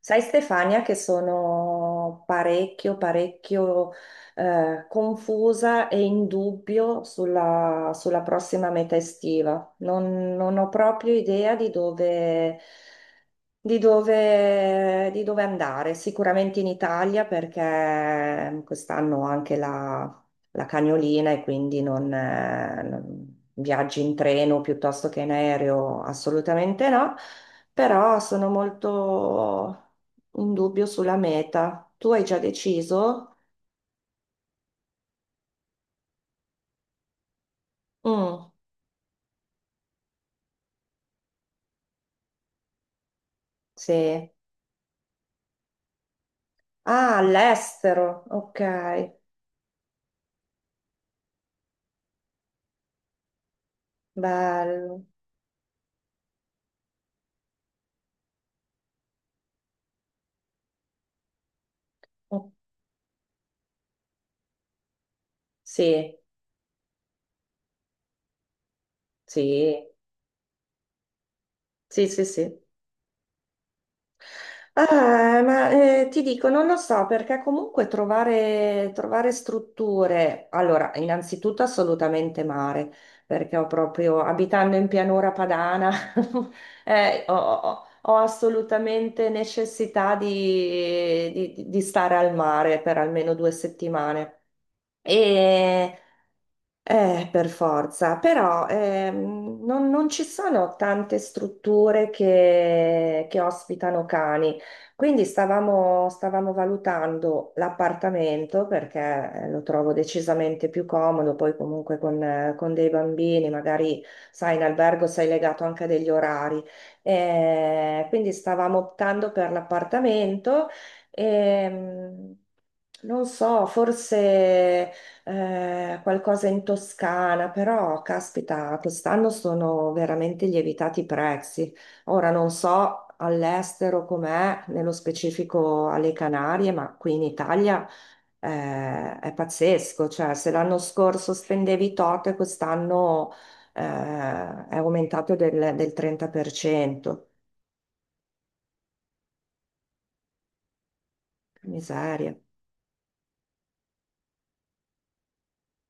Sai Stefania che sono parecchio, parecchio confusa e in dubbio sulla prossima meta estiva. Non ho proprio idea di di dove andare. Sicuramente in Italia perché quest'anno ho anche la cagnolina e quindi viaggi in treno piuttosto che in aereo, assolutamente no, però sono molto in dubbio sulla meta. Tu hai già deciso? Mm, sì. Ah, all'estero, ok, bello. Mm, sì, sì, sì, sì, sì. Ah, ma ti dico, non lo so, perché comunque trovare strutture, allora, innanzitutto assolutamente mare, perché ho proprio, abitando in pianura padana, ho assolutamente necessità di stare al mare per almeno due settimane. E per forza, però non ci sono tante strutture che ospitano cani, quindi stavamo valutando l'appartamento perché lo trovo decisamente più comodo, poi comunque con dei bambini, magari sai, in albergo sei legato anche degli orari. Quindi stavamo optando per l'appartamento e non so, forse qualcosa in Toscana, però caspita, quest'anno sono veramente lievitati i prezzi. Ora non so all'estero com'è, nello specifico alle Canarie, ma qui in Italia è pazzesco, cioè se l'anno scorso spendevi tot, e quest'anno è aumentato del 30%. Miseria.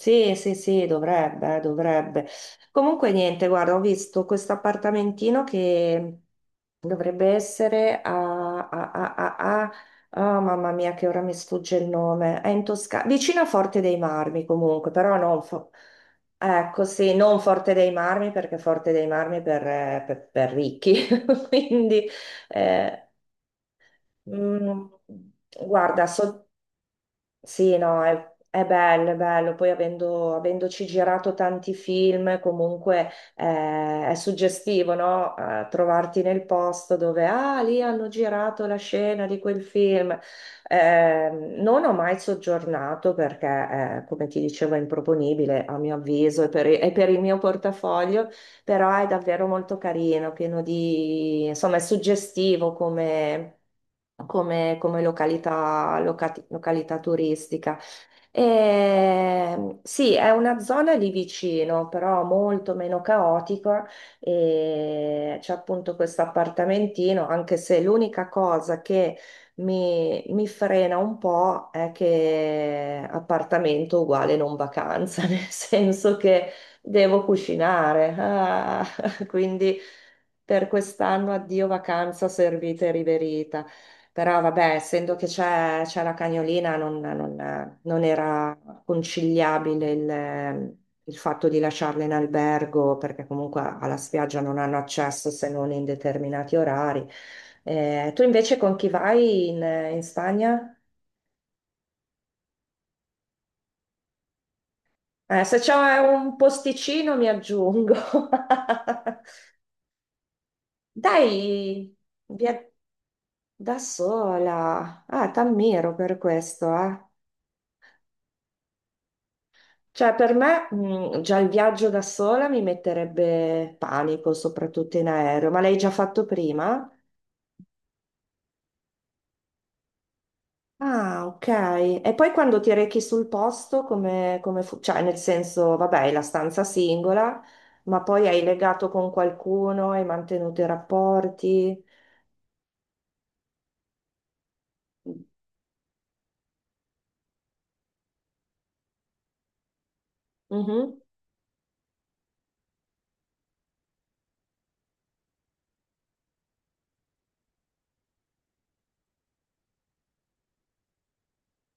Sì, sì, sì, dovrebbe, dovrebbe. Comunque niente, guarda, ho visto questo appartamentino che dovrebbe essere ah, mamma mia, che ora mi sfugge il nome. È in Toscana, vicino a Forte dei Marmi comunque, però non... Ecco, sì, non Forte dei Marmi perché Forte dei Marmi per ricchi, quindi eh, mm, guarda, so sì, no, è bello, è bello. Poi avendoci girato tanti film, comunque è suggestivo, no? Trovarti nel posto dove, ah, lì hanno girato la scena di quel film. Eh, non ho mai soggiornato perché, come ti dicevo, è improponibile a mio avviso e e per il mio portafoglio, però è davvero molto carino, pieno di, insomma, è suggestivo come località, locati- località turistica. E, sì, è una zona lì vicino, però molto meno caotica e c'è appunto questo appartamentino, anche se l'unica cosa che mi frena un po' è che appartamento uguale non vacanza, nel senso che devo cucinare, ah, quindi per quest'anno addio vacanza servita e riverita. Però vabbè, essendo che c'è la cagnolina, non era conciliabile il fatto di lasciarla in albergo, perché comunque alla spiaggia non hanno accesso se non in determinati orari. Tu invece con chi vai in Spagna? Se c'è un posticino mi aggiungo. Dai, via da sola. Ah, t'ammiro per questo, eh. Cioè, per me, già il viaggio da sola mi metterebbe panico, soprattutto in aereo, ma l'hai già fatto prima? Ah, ok. E poi quando ti rechi sul posto, cioè, nel senso, vabbè, è la stanza singola, ma poi hai legato con qualcuno, hai mantenuto i rapporti. Mhm.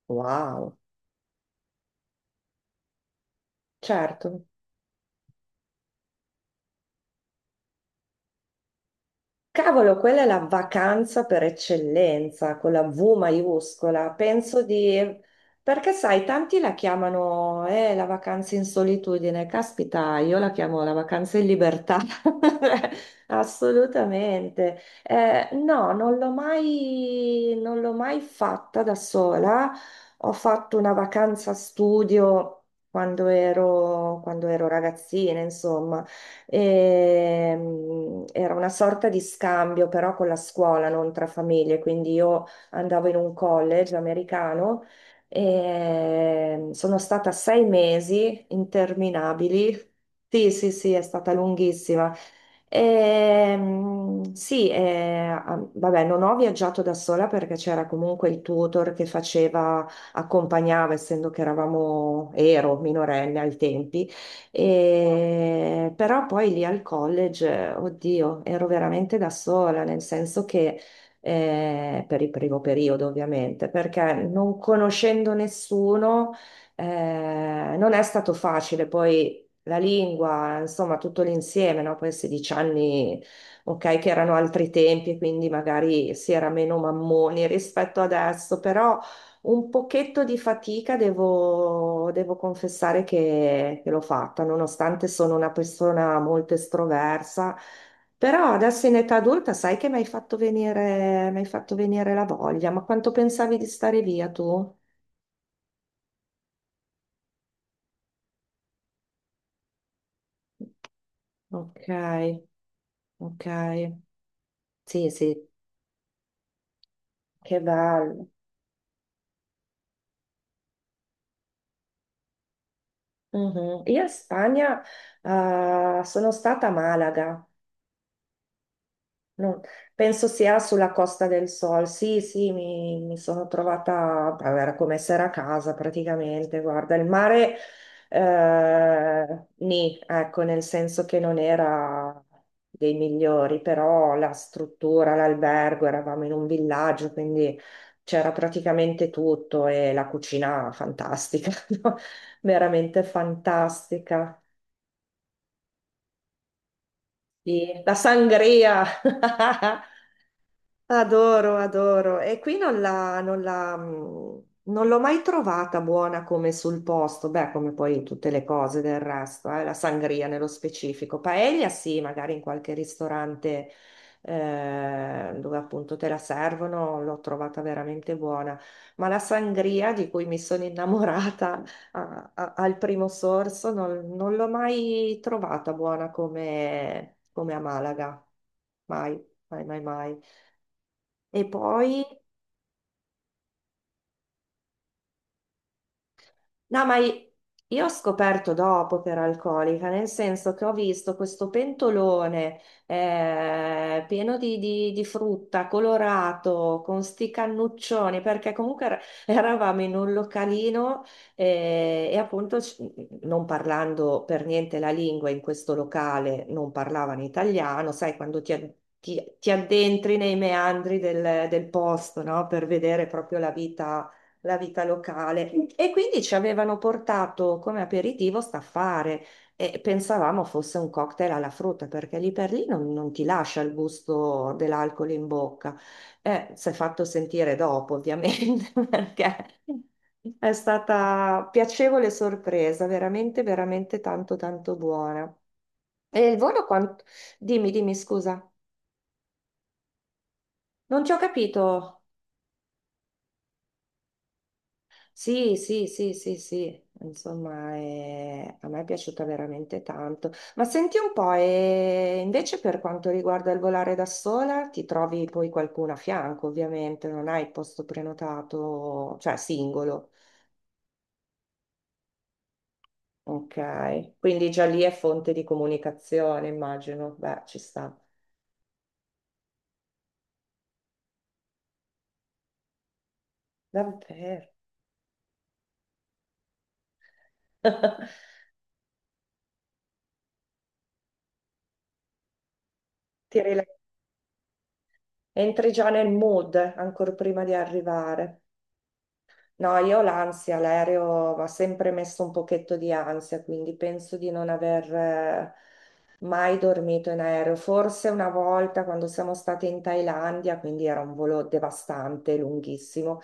Wow, certo. Cavolo, quella è la vacanza per eccellenza, con la V maiuscola. Penso di... Perché sai, tanti la chiamano la vacanza in solitudine. Caspita, io la chiamo la vacanza in libertà. Assolutamente. No, non l'ho mai fatta da sola. Ho fatto una vacanza studio quando ero ragazzina, insomma. Era una sorta di scambio però con la scuola, non tra famiglie, quindi io andavo in un college americano e sono stata sei mesi interminabili. Sì, sì, sì, è stata lunghissima. Sì, ah, vabbè, non ho viaggiato da sola perché c'era comunque il tutor che faceva, accompagnava, essendo che ero minorenne ai tempi, però poi lì al college, oddio, ero veramente da sola, nel senso che per il primo periodo ovviamente, perché non conoscendo nessuno non è stato facile. Poi la lingua, insomma, tutto l'insieme, no? Poi a 16 anni, ok, che erano altri tempi, quindi magari si era meno mammoni rispetto adesso, però un pochetto di fatica devo confessare che l'ho fatta, nonostante sono una persona molto estroversa, però adesso in età adulta sai che mi hai fatto venire, mi hai fatto venire la voglia, ma quanto pensavi di stare via tu? Ok, ok, sì, sì, che bello. Mhm. Io in Spagna, sono stata a Malaga. Non- Penso sia sulla Costa del Sol. Sì, sì, mi sono trovata, beh, era come essere a casa praticamente. Guarda, il mare, nì, ecco, nel senso che non era dei migliori, però la struttura, l'albergo, eravamo in un villaggio, quindi c'era praticamente tutto e la cucina fantastica, no? Veramente fantastica. Sì. La sangria. Adoro, adoro. E qui non la- non la, mm, non l'ho mai trovata buona come sul posto, beh, come poi tutte le cose del resto, la sangria nello specifico. Paella sì, magari in qualche ristorante dove appunto te la servono, l'ho trovata veramente buona. Ma la sangria di cui mi sono innamorata al primo sorso non l'ho mai trovata buona come a Malaga. Mai, mai, mai, mai. E poi, no, io ho scoperto dopo che era alcolica, nel senso che ho visto questo pentolone pieno di, di frutta, colorato, con sti cannuccioni, perché comunque eravamo in un localino e appunto non parlando per niente la lingua in questo locale, non parlavano italiano, sai, quando ti addentri nei meandri del posto, no? Per vedere proprio la vita locale. E quindi ci avevano portato come aperitivo staffare e pensavamo fosse un cocktail alla frutta, perché lì per lì non ti lascia il gusto dell'alcol in bocca. Si è fatto sentire dopo, ovviamente, perché è stata piacevole sorpresa, veramente, veramente tanto, tanto buona. E il volo quanto... Dimmi, dimmi, scusa. Non ti ho capito. Sì, sì, sì, sì, sì, insomma, a me è piaciuta veramente tanto. Ma senti un po', e invece per quanto riguarda il volare da sola, ti trovi poi qualcuno a fianco, ovviamente, non hai il posto prenotato, cioè singolo, ok? Quindi già lì è fonte di comunicazione, immagino. Beh, ci sta. Davvero. Ti rila- Entri già nel mood, ancora prima di arrivare. No, io ho l'ansia, l'aereo mi ha sempre messo un pochetto di ansia, quindi penso di non aver mai dormito in aereo. Forse una volta quando siamo state in Thailandia, quindi era un volo devastante, lunghissimo,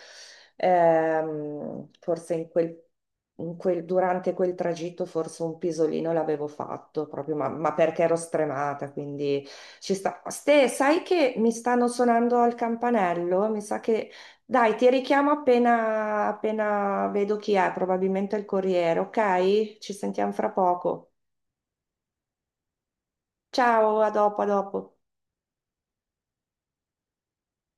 forse in durante quel tragitto forse un pisolino l'avevo fatto, proprio, ma perché ero stremata, quindi ci sta. Ste, sai che mi stanno suonando al campanello? Mi sa che dai, ti richiamo appena vedo chi è, probabilmente il corriere, ok? Ci sentiamo fra poco. Ciao, a dopo, a dopo.